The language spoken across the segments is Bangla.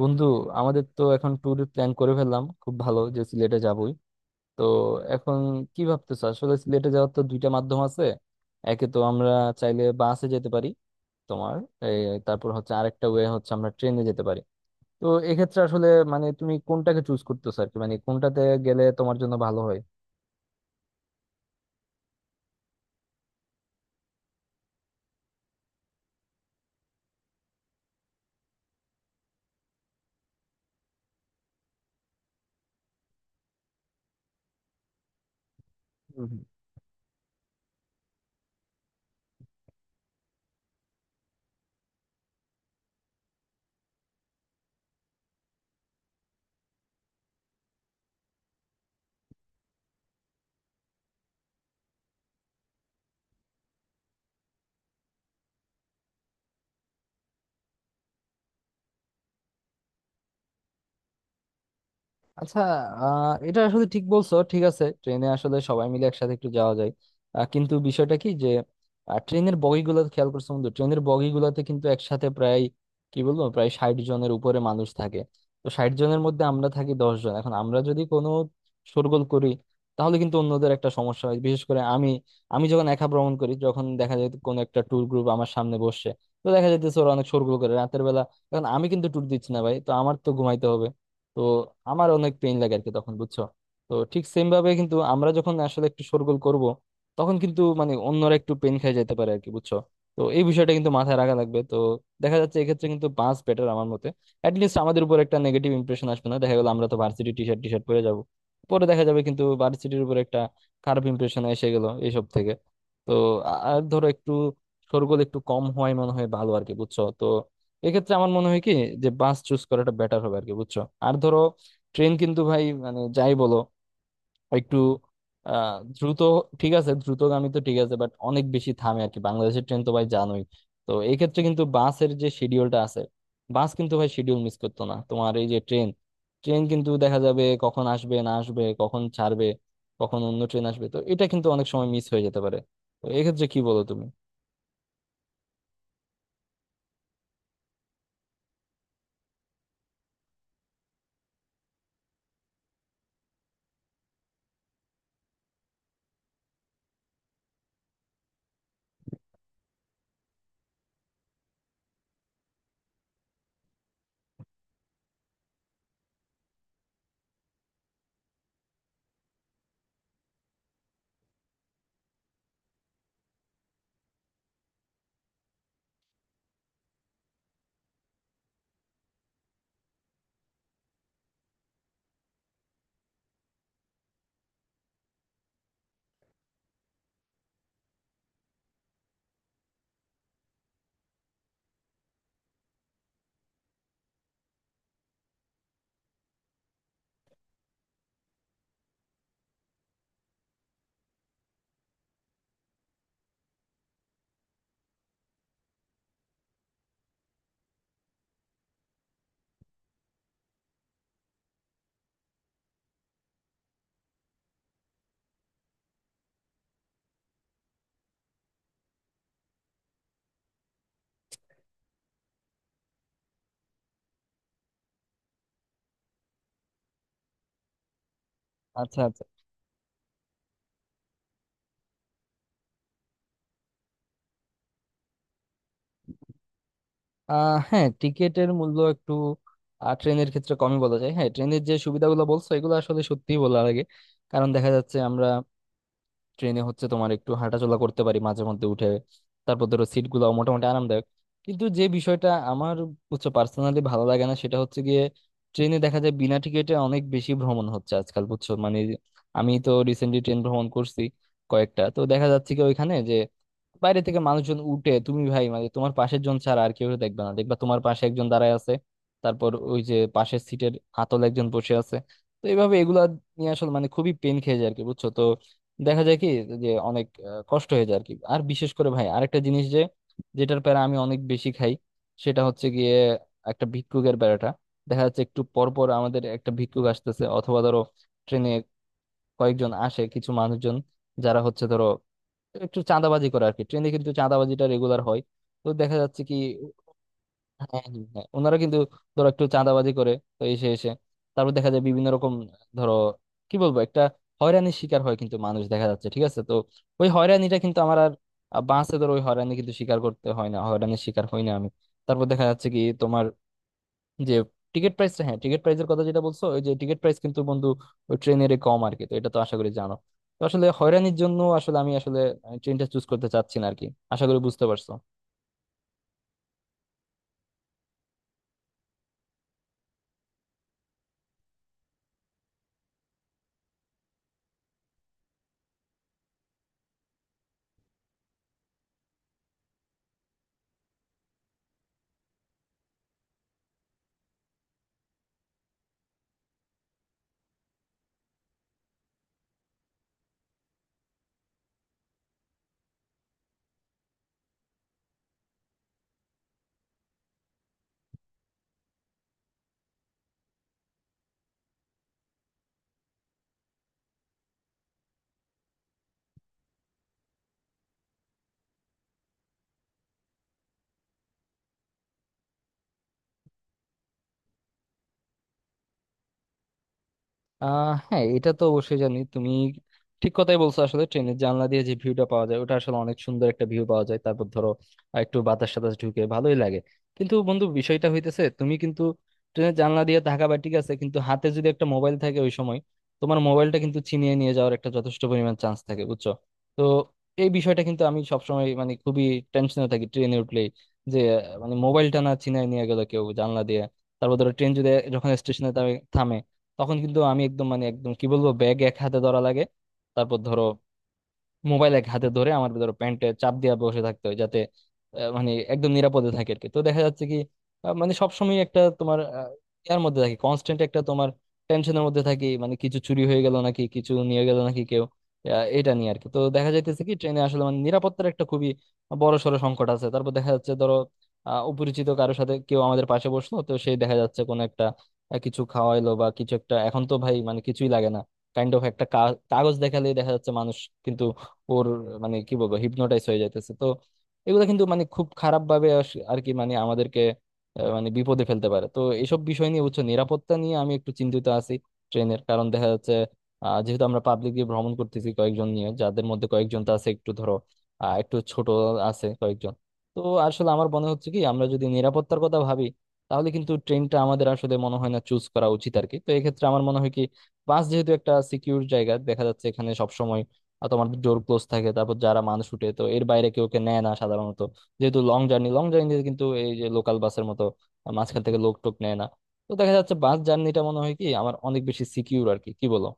বন্ধু, আমাদের তো এখন ট্যুর প্ল্যান করে ফেললাম। খুব ভালো যে সিলেটে যাবই। তো এখন কি ভাবতেছো? আসলে সিলেটে যাওয়ার তো দুইটা মাধ্যম আছে। একে তো আমরা চাইলে বাসে যেতে পারি, তোমার এই তারপর হচ্ছে আরেকটা ওয়ে হচ্ছে আমরা ট্রেনে যেতে পারি। তো এক্ষেত্রে আসলে মানে তুমি কোনটাকে চুজ করতেছো আর কি, মানে কোনটাতে গেলে তোমার জন্য ভালো হয়? আচ্ছা। এটা আসলে ঠিক বলছো। ঠিক আছে, ট্রেনে আসলে সবাই মিলে একসাথে একটু যাওয়া যায়। কিন্তু বিষয়টা কি যে ট্রেনের বগিগুলো খেয়াল করছো বন্ধু? ট্রেনের বগিগুলোতে কিন্তু একসাথে প্রায়, কি বলবো, প্রায় 60 জনের উপরে মানুষ থাকে। তো 60 জনের মধ্যে আমরা থাকি 10 জন। এখন আমরা যদি কোনো শোরগোল করি তাহলে কিন্তু অন্যদের একটা সমস্যা হয়। বিশেষ করে আমি, যখন একা ভ্রমণ করি, যখন দেখা যায় কোনো একটা ট্যুর গ্রুপ আমার সামনে বসছে, তো দেখা যাইতেছে ওরা অনেক শোরগোল করে রাতের বেলা। এখন আমি কিন্তু ট্যুর দিচ্ছি না ভাই, তো আমার তো ঘুমাইতে হবে। তো আমার অনেক পেইন লাগে আর কি তখন, বুঝছো? তো ঠিক সেম ভাবে কিন্তু আমরা যখন আসলে একটু শোরগোল করব, তখন কিন্তু মানে অন্যরা একটু পেন খেয়ে যেতে পারে আর কি, বুঝছো? তো এই বিষয়টা কিন্তু মাথায় রাখা লাগবে। তো দেখা যাচ্ছে এক্ষেত্রে কিন্তু বাস বেটার আমার মতে। অ্যাটলিস্ট আমাদের উপর একটা নেগেটিভ ইমপ্রেশন আসবে না। দেখা গেল আমরা তো ভার্সিটি টি শার্ট পরে যাবো, পরে দেখা যাবে কিন্তু ভার্সিটির উপর একটা খারাপ ইমপ্রেশন এসে গেল এইসব থেকে। তো আর ধরো একটু শোরগোল একটু কম হয় মনে হয় ভালো আর কি, বুঝছো? তো এক্ষেত্রে আমার মনে হয় কি, যে বাস চুজ করাটা বেটার হবে আর কি, বুঝছো? আর ধরো ট্রেন কিন্তু ভাই মানে যাই বলো, একটু দ্রুত, ঠিক আছে দ্রুতগামী তো ঠিক আছে, বাট অনেক বেশি থামে আর কি, বাংলাদেশের ট্রেন তো ভাই জানোই। তো এই ক্ষেত্রে কিন্তু বাসের যে শিডিউলটা আছে, বাস কিন্তু ভাই শিডিউল মিস করতো না। তোমার এই যে ট্রেন ট্রেন কিন্তু দেখা যাবে কখন আসবে না আসবে, কখন ছাড়বে, কখন অন্য ট্রেন আসবে, তো এটা কিন্তু অনেক সময় মিস হয়ে যেতে পারে। তো এক্ষেত্রে কি বলো তুমি? আচ্ছা আচ্ছা। হ্যাঁ, টিকেটের মূল্য একটু ট্রেনের ক্ষেত্রে কমই বলা যায়। হ্যাঁ, ট্রেনের যে সুবিধাগুলো বলছো এগুলো আসলে সত্যিই বলা লাগে। কারণ দেখা যাচ্ছে আমরা ট্রেনে হচ্ছে তোমার একটু হাঁটাচলা করতে পারি মাঝে মধ্যে উঠে। তারপর ধরো সিট গুলো মোটামুটি আরামদায়ক। কিন্তু যে বিষয়টা আমার হচ্ছে পার্সোনালি ভালো লাগে না সেটা হচ্ছে গিয়ে, ট্রেনে দেখা যায় বিনা টিকিটে অনেক বেশি ভ্রমণ হচ্ছে আজকাল, বুঝছো মানে? আমি তো রিসেন্টলি ট্রেন ভ্রমণ করছি কয়েকটা, তো দেখা যাচ্ছে কি ওইখানে যে বাইরে থেকে মানুষজন উঠে, তুমি ভাই মানে তোমার পাশের জন ছাড়া আর কেউ দেখবে না, দেখবা তোমার পাশে একজন দাঁড়ায় আছে, তারপর ওই যে পাশের সিটের হাতল একজন বসে আছে। তো এইভাবে এগুলা নিয়ে আসলে মানে খুবই পেন খেয়ে যায় আর কি, বুঝছো? তো দেখা যায় কি, যে অনেক কষ্ট হয়ে যায় আর কি। আর বিশেষ করে ভাই আরেকটা জিনিস, যে যেটার প্যারা আমি অনেক বেশি খাই, সেটা হচ্ছে গিয়ে একটা ভিক্ষুকের প্যারাটা। দেখা যাচ্ছে একটু পর পর আমাদের একটা ভিক্ষুক আসতেছে, অথবা ধরো ট্রেনে কয়েকজন আসে কিছু মানুষজন যারা হচ্ছে ধরো একটু চাঁদাবাজি করে আর কি, ট্রেনে কিন্তু চাঁদাবাজিটা রেগুলার হয়। তো দেখা যাচ্ছে কি। হ্যাঁ, হ্যাঁ, হ্যাঁ। ওনারা কিন্তু ধরো একটু চাঁদাবাজি করে, তো এসে এসে তারপর দেখা যায় বিভিন্ন রকম, ধরো, কি বলবো, একটা হয়রানির শিকার হয় কিন্তু মানুষ দেখা যাচ্ছে, ঠিক আছে? তো ওই হয়রানিটা কিন্তু আমার আর বাঁচে, ধরো ওই হয়রানি কিন্তু স্বীকার করতে হয় না, হয়রানির শিকার হই না আমি। তারপর দেখা যাচ্ছে কি তোমার যে টিকিট প্রাইসটা, হ্যাঁ টিকিট প্রাইসের কথা যেটা বলছো, ওই যে টিকিট প্রাইস কিন্তু বন্ধু ওই ট্রেনের কম আর কি, তো এটা তো আশা করি জানো। তো আসলে হয়রানির জন্য আসলে আমি আসলে ট্রেনটা চুজ করতে চাচ্ছি না আর কি, আশা করি বুঝতে পারছো। হ্যাঁ, এটা তো অবশ্যই জানি। তুমি ঠিক কথাই বলছো, আসলে ট্রেনের জানলা দিয়ে যে ভিউটা পাওয়া যায় ওটা আসলে অনেক সুন্দর একটা ভিউ পাওয়া যায়। তারপর ধরো একটু বাতাস সাতাস ঢুকে ভালোই লাগে। কিন্তু বন্ধু বিষয়টা হইতেছে তুমি কিন্তু ট্রেনের জানলা দিয়ে তাকাবা, ঠিক আছে, কিন্তু হাতে যদি একটা মোবাইল থাকে ওই সময়, তোমার মোবাইলটা কিন্তু ছিনিয়ে নিয়ে যাওয়ার একটা যথেষ্ট পরিমাণ চান্স থাকে, বুঝছো? তো এই বিষয়টা কিন্তু আমি সবসময় মানে খুবই টেনশনে থাকি ট্রেনে উঠলেই, যে মানে মোবাইলটা না ছিনিয়ে নিয়ে গেল কেউ জানলা দিয়ে। তারপর ধরো ট্রেন যদি, যখন স্টেশনে থামে, তখন কিন্তু আমি একদম মানে একদম কি বলবো ব্যাগ এক হাতে ধরা লাগে, তারপর ধরো মোবাইল এক হাতে ধরে, আমার ধরো প্যান্টে চাপ দিয়ে বসে থাকতে হয় যাতে মানে একদম নিরাপদে থাকে আর কি। তো দেখা যাচ্ছে কি মানে সবসময় একটা তোমার ইয়ার মধ্যে থাকি, কনস্ট্যান্ট একটা তোমার টেনশনের মধ্যে থাকি, মানে কিছু চুরি হয়ে গেল নাকি, কিছু নিয়ে গেল নাকি কেউ, এটা নিয়ে আর কি। তো দেখা যাইতেছে কি ট্রেনে আসলে মানে নিরাপত্তার একটা খুবই বড় সড় সংকট আছে। তারপর দেখা যাচ্ছে ধরো অপরিচিত কারোর সাথে কেউ আমাদের পাশে বসলো, তো সেই দেখা যাচ্ছে কোনো একটা কিছু খাওয়াইলো বা কিছু একটা, এখন তো ভাই মানে কিছুই লাগে না, কাইন্ড অফ একটা কাগজ দেখালেই দেখা যাচ্ছে মানুষ কিন্তু ওর মানে কি বলবো হিপনোটাইজ হয়ে যাইতেছে। তো এগুলো কিন্তু মানে খুব খারাপ ভাবে আর কি, মানে আমাদেরকে মানে বিপদে ফেলতে পারে। তো এইসব বিষয় নিয়ে, উচ্চ নিরাপত্তা নিয়ে আমি একটু চিন্তিত আছি ট্রেনের, কারণ দেখা যাচ্ছে যেহেতু আমরা পাবলিকলি ভ্রমণ করতেছি কয়েকজন নিয়ে, যাদের মধ্যে কয়েকজন তো আছে একটু ধরো একটু ছোট আছে কয়েকজন। তো আসলে আমার মনে হচ্ছে কি, আমরা যদি নিরাপত্তার কথা ভাবি তাহলে কিন্তু ট্রেনটা আমাদের আসলে মনে হয় না চুজ করা উচিত আর কি। তো এক্ষেত্রে আমার মনে হয় কি, বাস যেহেতু একটা সিকিউর জায়গা দেখা যাচ্ছে, এখানে সবসময় আর তোমার ডোর ক্লোজ থাকে, তারপর যারা মানুষ উঠে, তো এর বাইরে কেউ কে নেয় না সাধারণত, যেহেতু লং জার্নি। লং জার্নিতে কিন্তু এই যে লোকাল বাসের মতো মাঝখান থেকে লোক টোক নেয় না। তো দেখা যাচ্ছে বাস জার্নিটা মনে হয় কি আমার অনেক বেশি সিকিউর আর কি, কি বলো?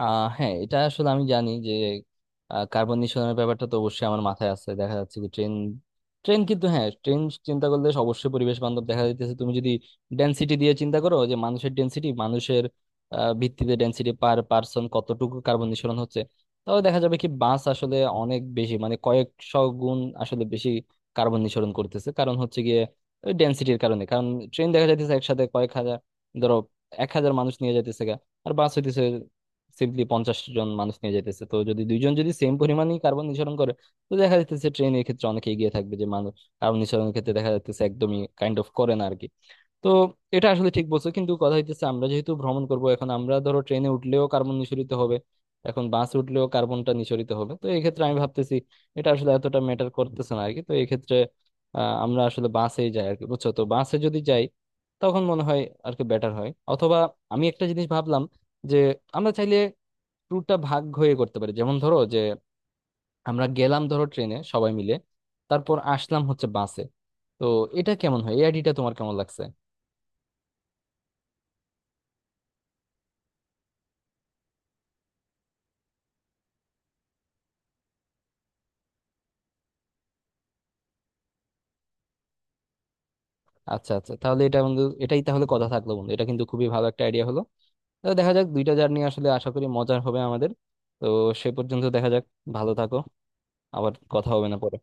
হ্যাঁ, এটা আসলে আমি জানি যে কার্বন নিঃসরণের ব্যাপারটা তো অবশ্যই আমার মাথায় আছে। দেখা যাচ্ছে কি ট্রেন ট্রেন কিন্তু, হ্যাঁ, ট্রেন চিন্তা করলে অবশ্যই পরিবেশ বান্ধব। দেখা যাইতেছে তুমি যদি ডেনসিটি দিয়ে চিন্তা করো, যে মানুষের ডেনসিটি, মানুষের ভিত্তিতে ডেনসিটি পার পার্সন কতটুকু কার্বন নিঃসরণ হচ্ছে, তাহলে দেখা যাবে কি বাস আসলে অনেক বেশি মানে কয়েকশো গুণ আসলে বেশি কার্বন নিঃসরণ করতেছে। কারণ হচ্ছে গিয়ে ওই ডেনসিটির কারণে, কারণ ট্রেন দেখা যাইতেছে একসাথে কয়েক হাজার, ধরো 1,000 মানুষ নিয়ে যাইতেছে গা, আর বাস হইতেছে সিম্পলি 50 জন মানুষ নিয়ে যেতেছে। তো যদি দুইজন যদি সেম পরিমাণই কার্বন নিঃসরণ করে, তো দেখা যাচ্ছে ট্রেন এর ক্ষেত্রে অনেক এগিয়ে থাকবে, যে মানুষ কার্বন নিঃসরণের ক্ষেত্রে দেখা যাচ্ছে একদমই কাইন্ড অফ করে না আর কি। তো এটা আসলে ঠিক বলছো, কিন্তু কথা হইতেছে আমরা যেহেতু ভ্রমণ করব, এখন আমরা ধরো ট্রেনে উঠলেও কার্বন নিঃসরিত হবে, এখন বাস উঠলেও কার্বনটা নিঃসরিত হবে। তো এই ক্ষেত্রে আমি ভাবতেছি এটা আসলে এতটা ম্যাটার করতেছে না আর কি। তো এই ক্ষেত্রে আমরা আসলে বাসেই যাই আর কি, বুঝছো? তো বাসে যদি যাই তখন মনে হয় আর কি বেটার হয়। অথবা আমি একটা জিনিস ভাবলাম, যে আমরা চাইলে ট্যুরটা ভাগ হয়ে করতে পারি। যেমন ধরো যে আমরা গেলাম ধরো ট্রেনে সবাই মিলে, তারপর আসলাম হচ্ছে বাসে। তো এটা কেমন হয়? এই আইডিয়াটা তোমার কেমন লাগছে? আচ্ছা আচ্ছা, তাহলে এটা বন্ধু, এটাই তাহলে কথা থাকলো বন্ধু, এটা কিন্তু খুবই ভালো একটা আইডিয়া হলো। তো দেখা যাক, দুইটা জার্নি আসলে আশা করি মজার হবে আমাদের। তো সে পর্যন্ত দেখা যাক। ভালো থাকো, আবার কথা হবে না পরে।